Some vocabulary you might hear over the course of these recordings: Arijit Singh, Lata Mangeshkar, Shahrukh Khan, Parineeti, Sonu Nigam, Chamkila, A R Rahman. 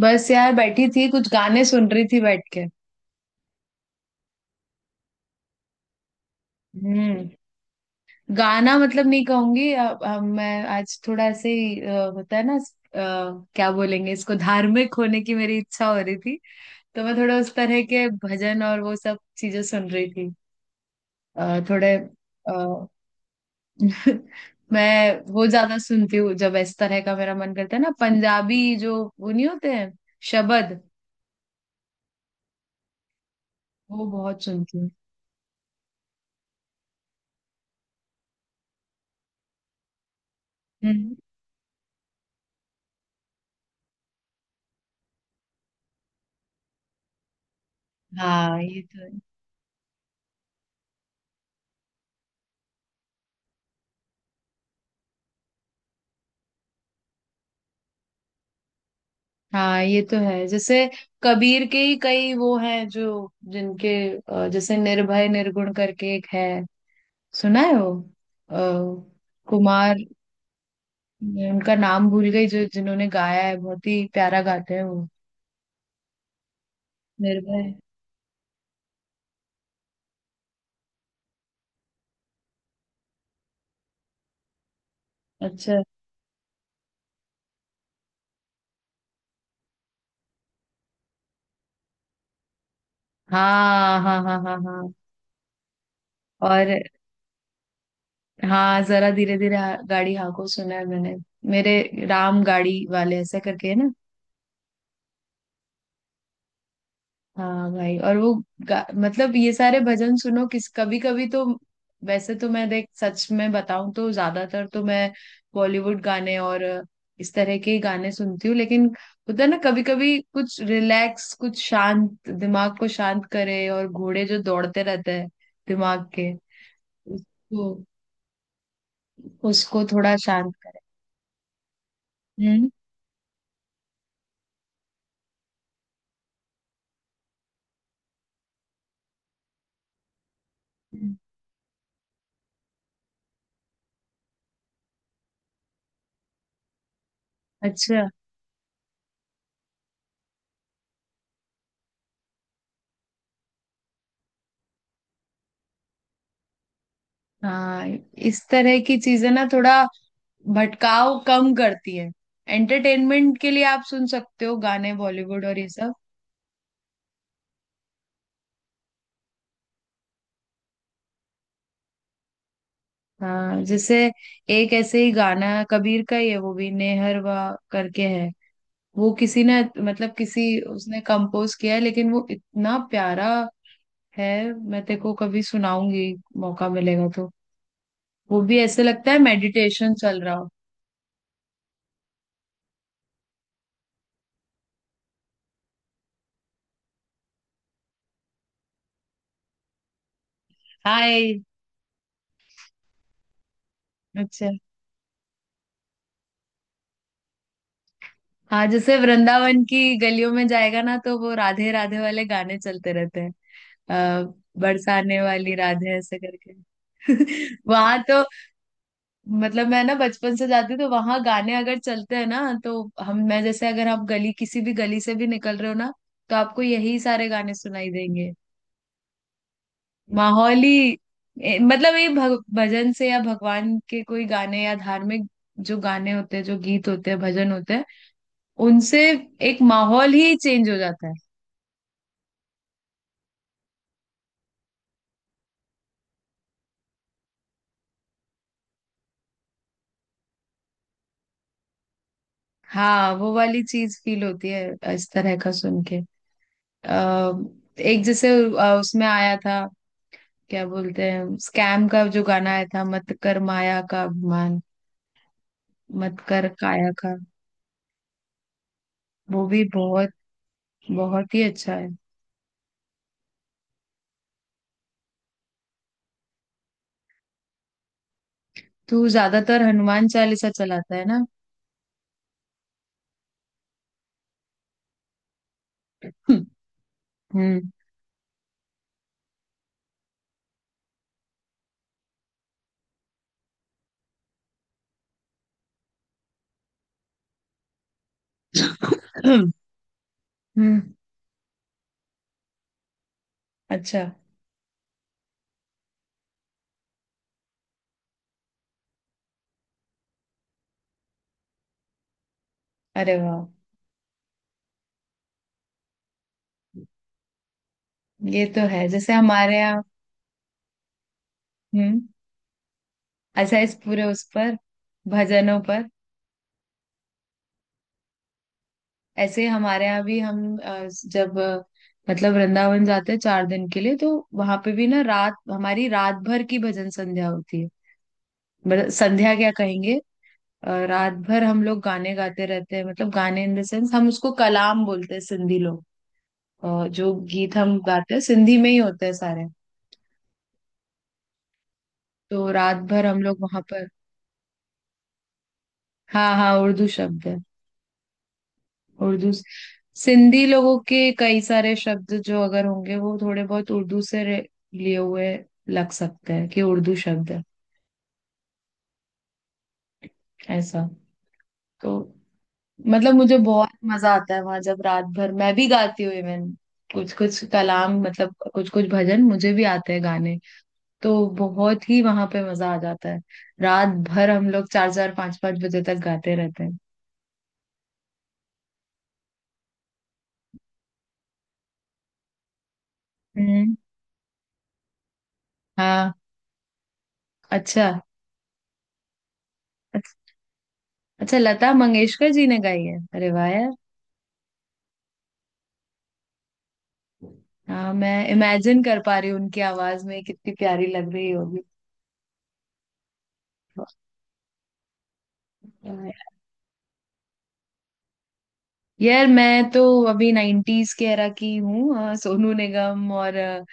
बस यार, बैठी थी, कुछ गाने सुन रही थी बैठ के। हम्म। गाना मतलब नहीं कहूंगी, मैं आज थोड़ा ऐसे ही, होता है ना, क्या बोलेंगे इसको, धार्मिक होने की मेरी इच्छा हो रही थी। तो मैं थोड़ा उस तरह के भजन और वो सब चीजें सुन रही थी। थोड़े अ, मैं वो ज्यादा सुनती हूँ, जब इस तरह का मेरा मन करता है ना, पंजाबी जो वो नहीं होते हैं, शबद वो बहुत सुनती हूँ। हम्म। हाँ, ये तो है। हाँ, ये तो है। जैसे कबीर के ही कई वो हैं जो जिनके, जैसे निर्भय निर्गुण करके एक है। सुना है वो? अ, कुमार, मैं उनका नाम भूल गई जो जिन्होंने गाया है। बहुत ही प्यारा गाते हैं वो। निर्भय। अच्छा। हाँ, हाँ, हाँ, हाँ, हाँ। और, हाँ, जरा धीरे धीरे गाड़ी हाँको, सुना है मैंने। मेरे राम गाड़ी वाले, ऐसा करके, है ना। हाँ भाई। और वो, मतलब ये सारे भजन सुनो, किस कभी कभी तो। वैसे तो मैं देख, सच में बताऊं तो ज्यादातर तो मैं बॉलीवुड गाने और इस तरह के ही गाने सुनती हूँ, लेकिन होता है ना, कभी कभी कुछ रिलैक्स, कुछ शांत, दिमाग को शांत करे, और घोड़े जो दौड़ते रहते हैं दिमाग के, उसको उसको थोड़ा शांत करे। हम्म। अच्छा। हाँ, इस तरह की चीजें ना थोड़ा भटकाव कम करती है। एंटरटेनमेंट के लिए आप सुन सकते हो गाने, बॉलीवुड और ये सब। हाँ, जैसे एक ऐसे ही गाना कबीर का ही है, वो भी नेहरवा करके है। वो किसी ने, मतलब किसी, उसने कंपोज किया है, लेकिन वो इतना प्यारा है। मैं तेरे को कभी सुनाऊंगी, मौका मिलेगा तो। वो भी ऐसे लगता है मेडिटेशन चल रहा हो। हाय। अच्छा। हाँ, जैसे वृंदावन की गलियों में जाएगा ना, तो वो राधे राधे वाले गाने चलते रहते हैं आ, बरसाने वाली राधे, ऐसे करके। वहां तो, मतलब मैं ना बचपन से जाती हूँ, तो वहां गाने अगर चलते हैं ना, तो हम मैं जैसे, अगर आप गली किसी भी गली से भी निकल रहे हो ना, तो आपको यही सारे गाने सुनाई देंगे। माहौल ही मतलब ये भजन से या भगवान के कोई गाने या धार्मिक, जो गाने होते हैं, जो गीत होते हैं, भजन होते हैं, उनसे एक माहौल ही चेंज हो जाता है। हाँ, वो वाली चीज फील होती है इस तरह का सुन के। अ, एक जैसे, उसमें आया था, क्या बोलते हैं, स्कैम का जो गाना आया था: मत कर माया का अभिमान, मत कर काया का। वो भी बहुत, बहुत ही अच्छा है। तू ज्यादातर हनुमान चालीसा चलाता है ना। हम्म, हम्म। अच्छा। अरे वाह। ये तो है, जैसे हमारे यहाँ। हम्म। अच्छा, इस पूरे, उस पर, भजनों पर। ऐसे हमारे यहाँ भी, हम, जब, मतलब वृंदावन जाते हैं 4 दिन के लिए, तो वहां पे भी ना, रात हमारी, रात भर की भजन संध्या होती है। मतलब संध्या क्या कहेंगे, रात भर हम लोग गाने गाते रहते हैं, मतलब गाने इन द सेंस, हम उसको कलाम बोलते हैं, सिंधी लोग। जो गीत हम गाते हैं सिंधी में ही होते हैं सारे। तो रात भर हम लोग वहां पर। हाँ, हाँ, उर्दू शब्द है। उर्दू से- सिंधी लोगों के कई सारे शब्द जो अगर होंगे, वो थोड़े बहुत उर्दू से लिए हुए लग सकते हैं, कि उर्दू शब्द है ऐसा। तो मतलब मुझे बहुत मजा आता है वहां, जब रात भर मैं भी गाती हूँ इवन, कुछ कुछ कलाम, मतलब कुछ कुछ भजन मुझे भी आते हैं गाने। तो बहुत ही वहां पे मजा आ जाता है। रात भर हम लोग चार चार पांच पांच बजे तक गाते रहते हैं। हम्म। हाँ। अच्छा, अच्छा, अच्छा, लता मंगेशकर जी ने गाई है? अरे वाह। हाँ, मैं इमेजिन कर पा रही हूँ, उनकी आवाज में कितनी प्यारी लग रही होगी। यार मैं तो अभी नाइन्टीज के एरा की हूँ, सोनू निगम और,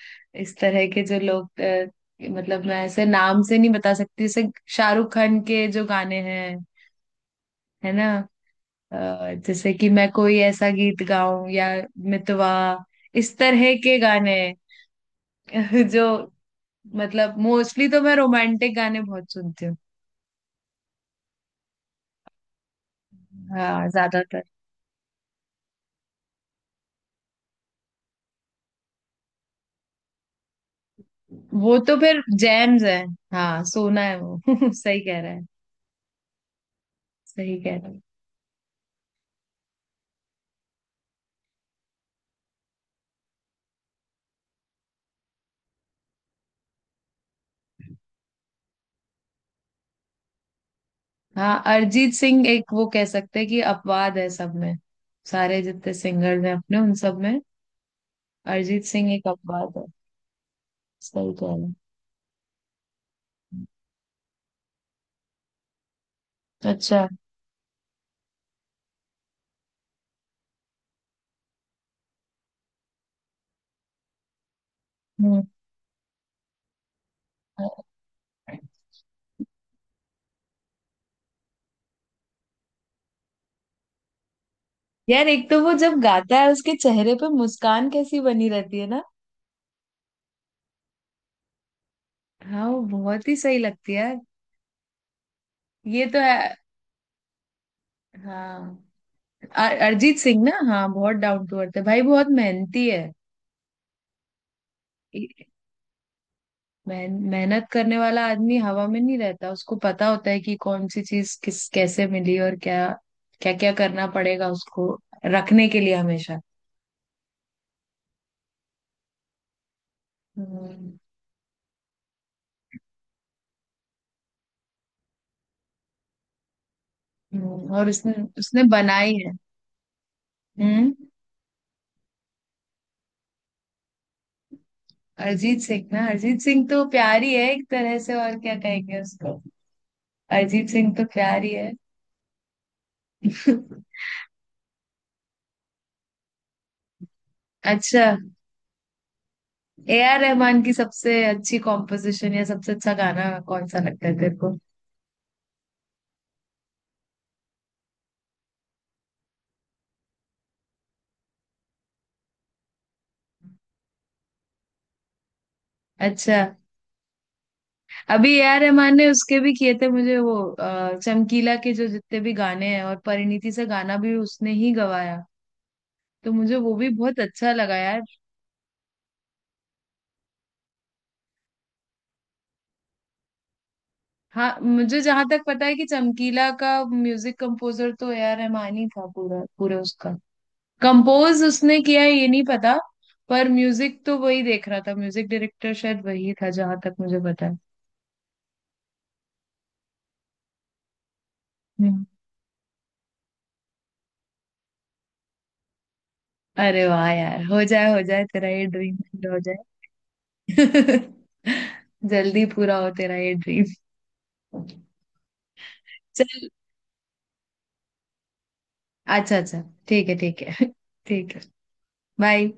इस तरह के जो लोग, मतलब मैं ऐसे नाम से नहीं बता सकती। जैसे शाहरुख खान के जो गाने हैं, है ना, जैसे कि मैं कोई ऐसा गीत गाऊं, या मितवा, इस तरह के गाने। जो, मतलब मोस्टली तो मैं रोमांटिक गाने बहुत सुनती हूँ। हाँ, ज्यादातर। वो तो फिर जैम्स है। हाँ, सोना है वो। सही कह रहा है। सही कह रहा है। हाँ, अरिजीत सिंह एक, वो कह सकते हैं कि अपवाद है सब में। सारे जितने सिंगर्स हैं अपने, उन सब में अरिजीत सिंह एक अपवाद है। सही कह रहे हैं। अच्छा। हम्म। यार एक तो वो जब गाता है, उसके चेहरे पे मुस्कान कैसी बनी रहती है ना। हाँ, वो बहुत ही सही लगती है यार। ये तो है। हाँ, अरिजीत सिंह ना, हाँ, बहुत डाउन टू अर्थ है भाई, बहुत मेहनती है। मेहनत करने वाला आदमी हवा में नहीं रहता। उसको पता होता है कि कौन सी चीज किस, कैसे मिली, और क्या क्या क्या करना पड़ेगा उसको रखने के लिए हमेशा। हम्म, हम्म। और उसने उसने बनाई है। हम्म। अरिजीत सिंह ना, अरिजीत सिंह तो प्यारी है, एक तरह से और क्या कहेंगे उसको, अरिजीत सिंह तो प्यारी है। अच्छा, ए आर रहमान की सबसे अच्छी कॉम्पोजिशन या सबसे अच्छा गाना कौन सा लगता है तेरे को? अच्छा। अभी ए आर रहमान ने उसके भी किए थे, मुझे वो चमकीला के जो जितने भी गाने हैं, और परिणीति से गाना भी उसने ही गवाया, तो मुझे वो भी बहुत अच्छा लगा यार। हाँ, मुझे जहां तक पता है कि चमकीला का म्यूजिक कंपोजर तो ए आर रहमान ही था, पूरा पूरा उसका कंपोज उसने किया है ये नहीं पता। पर म्यूजिक तो वही देख रहा था, म्यूजिक डायरेक्टर शायद वही था जहां तक मुझे पता है। हम्म। अरे वाह यार। हो जाए, हो जाए, तेरा ये ड्रीम पूरा हो जाए। जल्दी पूरा हो तेरा ये ड्रीम। चल। अच्छा, अच्छा। ठीक है, ठीक है। ठीक है। बाय।